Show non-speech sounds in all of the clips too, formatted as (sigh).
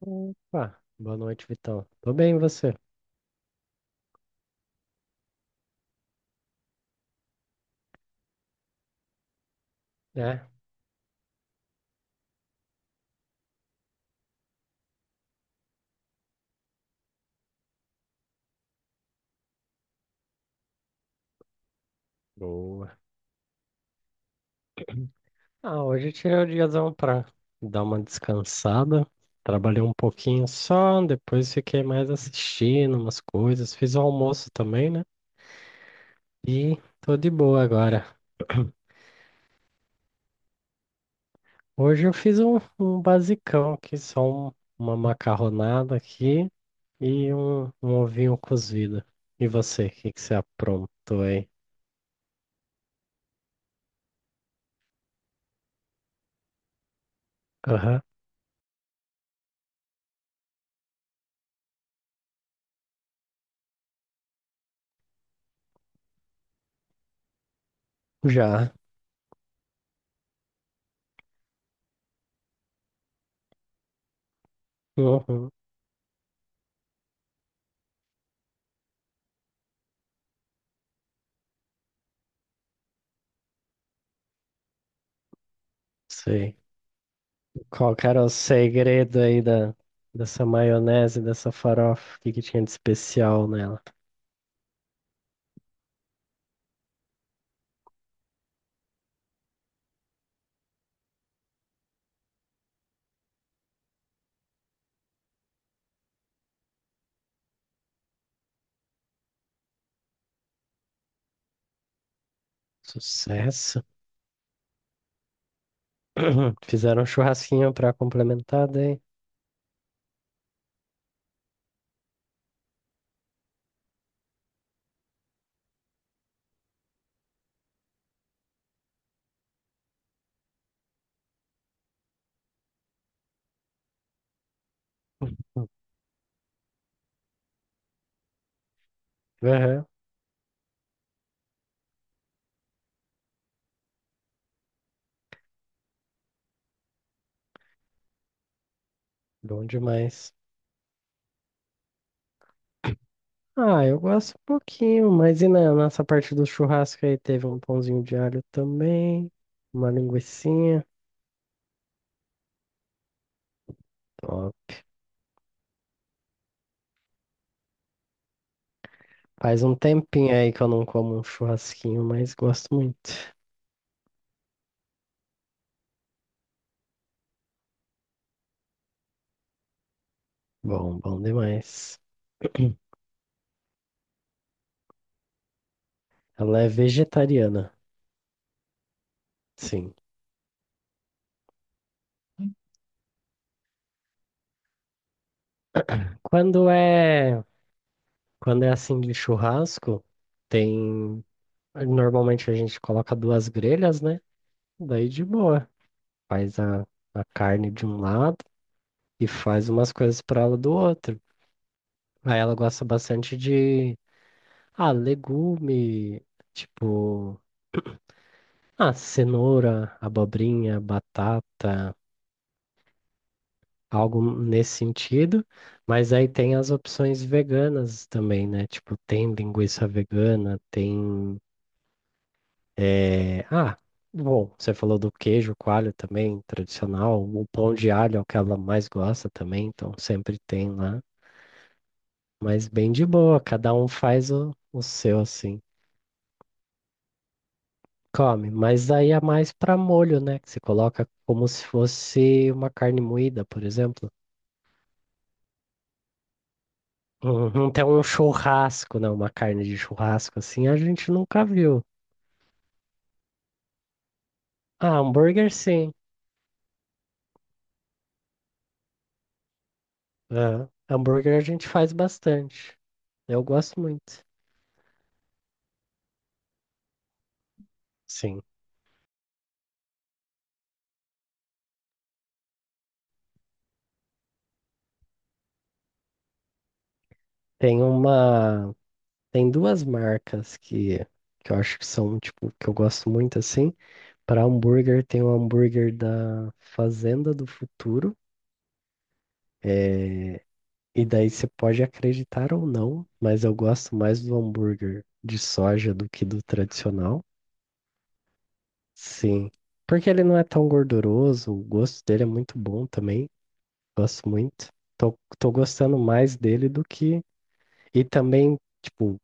Opa, boa noite, Vitão. Tô bem, e você? É, boa. Ah, hoje eu tirei o diazão pra dar uma descansada. Trabalhei um pouquinho só, depois fiquei mais assistindo umas coisas. Fiz o almoço também, né? E tô de boa agora. Hoje eu fiz um basicão aqui, só um- uma macarronada aqui e um ovinho cozido. E você, o que que você aprontou aí? Aham, já. Uhum, sei. Qual que era o segredo aí dessa maionese, dessa farofa? O que que tinha de especial nela? Sucesso. (clears throat) Fizeram um churrasquinho pra complementar daí. Aham, bom demais. Ah, eu gosto um pouquinho, mas e na nossa parte do churrasco aí teve um pãozinho de alho também, uma linguicinha. Ó, faz um tempinho aí que eu não como um churrasquinho, mas gosto muito. Bom, bom demais. (clears throat) Ela é vegetariana, sim. Quando é, quando é assim de churrasco, tem. Normalmente a gente coloca duas grelhas, né? Daí de boa. Faz a carne de um lado e faz umas coisas para ela do outro. Aí ela gosta bastante de. Ah, legume. Tipo. Ah, cenoura, abobrinha, batata. Algo nesse sentido. Mas aí tem as opções veganas também, né? Tipo, tem linguiça vegana, tem. É, ah, bom, você falou do queijo coalho também, tradicional. O pão de alho é o que ela mais gosta também, então sempre tem lá. Mas bem de boa, cada um faz o seu assim. Come, mas aí é mais pra molho, né? Que você coloca como se fosse uma carne moída, por exemplo. Não tem um churrasco, né? Uma carne de churrasco assim, a gente nunca viu. Ah, hambúrguer sim. Aham. Hambúrguer a gente faz bastante. Eu gosto muito. Sim. Tem uma. Tem duas marcas que eu acho que são, tipo, que eu gosto muito assim. Para hambúrguer, tem o hambúrguer da Fazenda do Futuro. É, e daí você pode acreditar ou não, mas eu gosto mais do hambúrguer de soja do que do tradicional. Sim. Porque ele não é tão gorduroso, o gosto dele é muito bom também. Gosto muito. Tô gostando mais dele do que e também, tipo,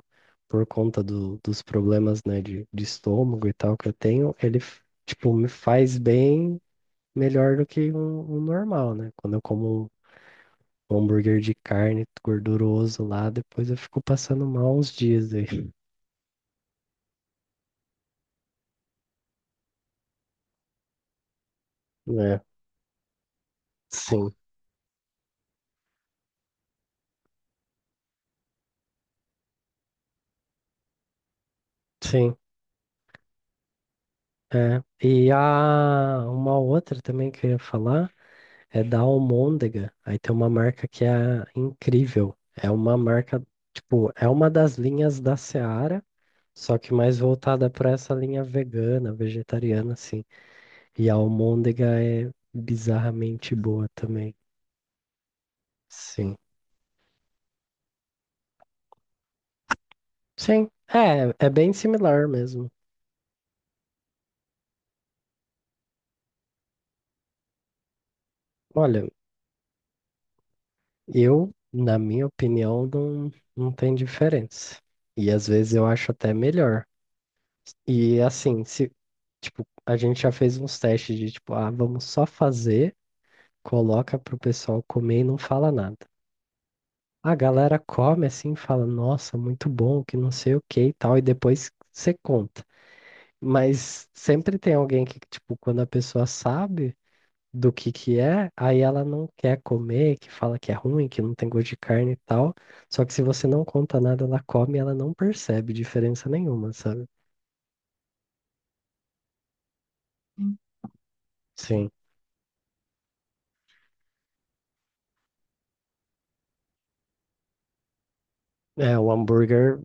por conta dos problemas, né, de estômago e tal que eu tenho, ele, tipo, me faz bem melhor do que um normal, né? Quando eu como um hambúrguer de carne gorduroso lá, depois eu fico passando mal uns dias aí. É, sim, sim, é. E a uma outra também que eu ia falar é da Almôndega. Aí tem uma marca que é incrível. É uma marca, tipo, é uma das linhas da Seara, só que mais voltada para essa linha vegana, vegetariana, assim. E a almôndega é bizarramente boa também. Sim. Sim, é bem similar mesmo. Olha, eu, na minha opinião, não, não tem diferença. E às vezes eu acho até melhor. E assim, se, tipo, a gente já fez uns testes de tipo, ah, vamos só fazer, coloca pro pessoal comer e não fala nada. A galera come assim, fala, nossa, muito bom, que não sei o que e tal, e depois você conta. Mas sempre tem alguém que, tipo, quando a pessoa sabe do que é, aí ela não quer comer, que fala que é ruim, que não tem gosto de carne e tal. Só que se você não conta nada, ela come e ela não percebe diferença nenhuma, sabe? Hum. Sim. É, o hambúrguer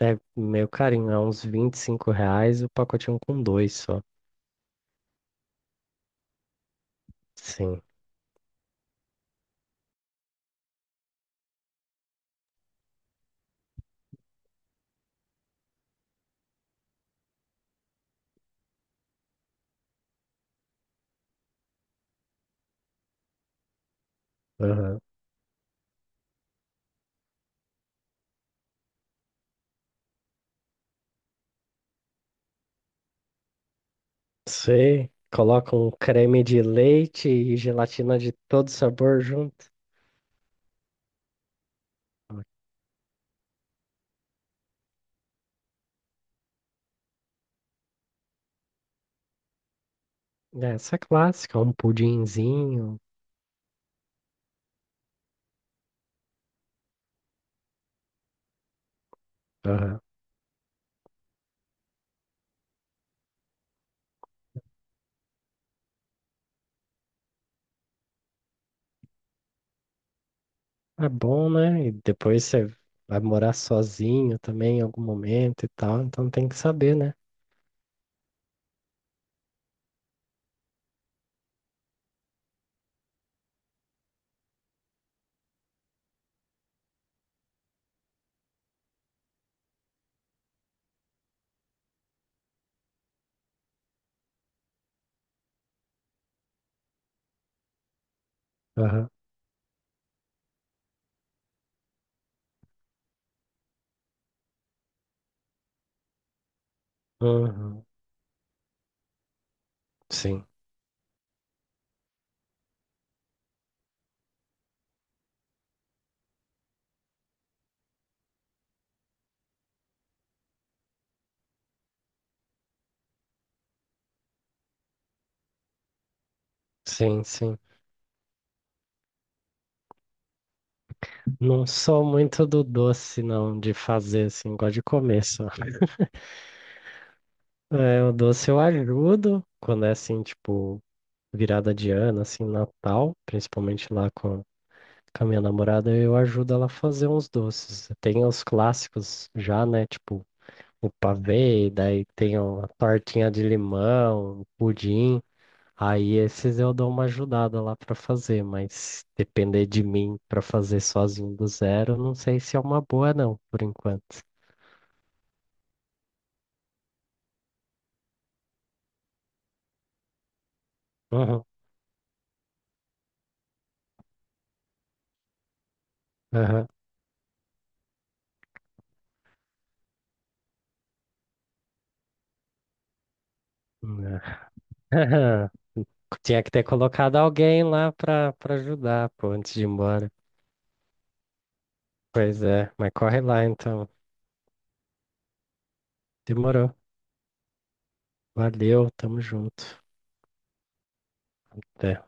é meio carinho, é uns R$ 25, o pacotinho com dois só. Sim. Sei, coloca um creme de leite e gelatina de todo sabor junto. É, essa é clássica, um pudinzinho. Aham. É bom, né? E depois você vai morar sozinho também em algum momento e tal, então tem que saber, né? Aham. Uhum. Sim, sim, sim. Não sou muito do doce, não, de fazer assim, gosto de comer só. É, o doce eu ajudo quando é assim, tipo, virada de ano, assim, Natal, principalmente lá com a minha namorada, eu ajudo ela a fazer uns doces. Tem os clássicos já, né? Tipo, o pavê, daí tem a tortinha de limão, o pudim. Aí esses eu dou uma ajudada lá pra fazer, mas depender de mim pra fazer sozinho do zero, não sei se é uma boa não, por enquanto. Uhum, aham, né. (laughs) Tinha que ter colocado alguém lá pra para ajudar, pô, antes de ir embora. Pois é, mas corre lá então. Demorou. Valeu, tamo junto. Até.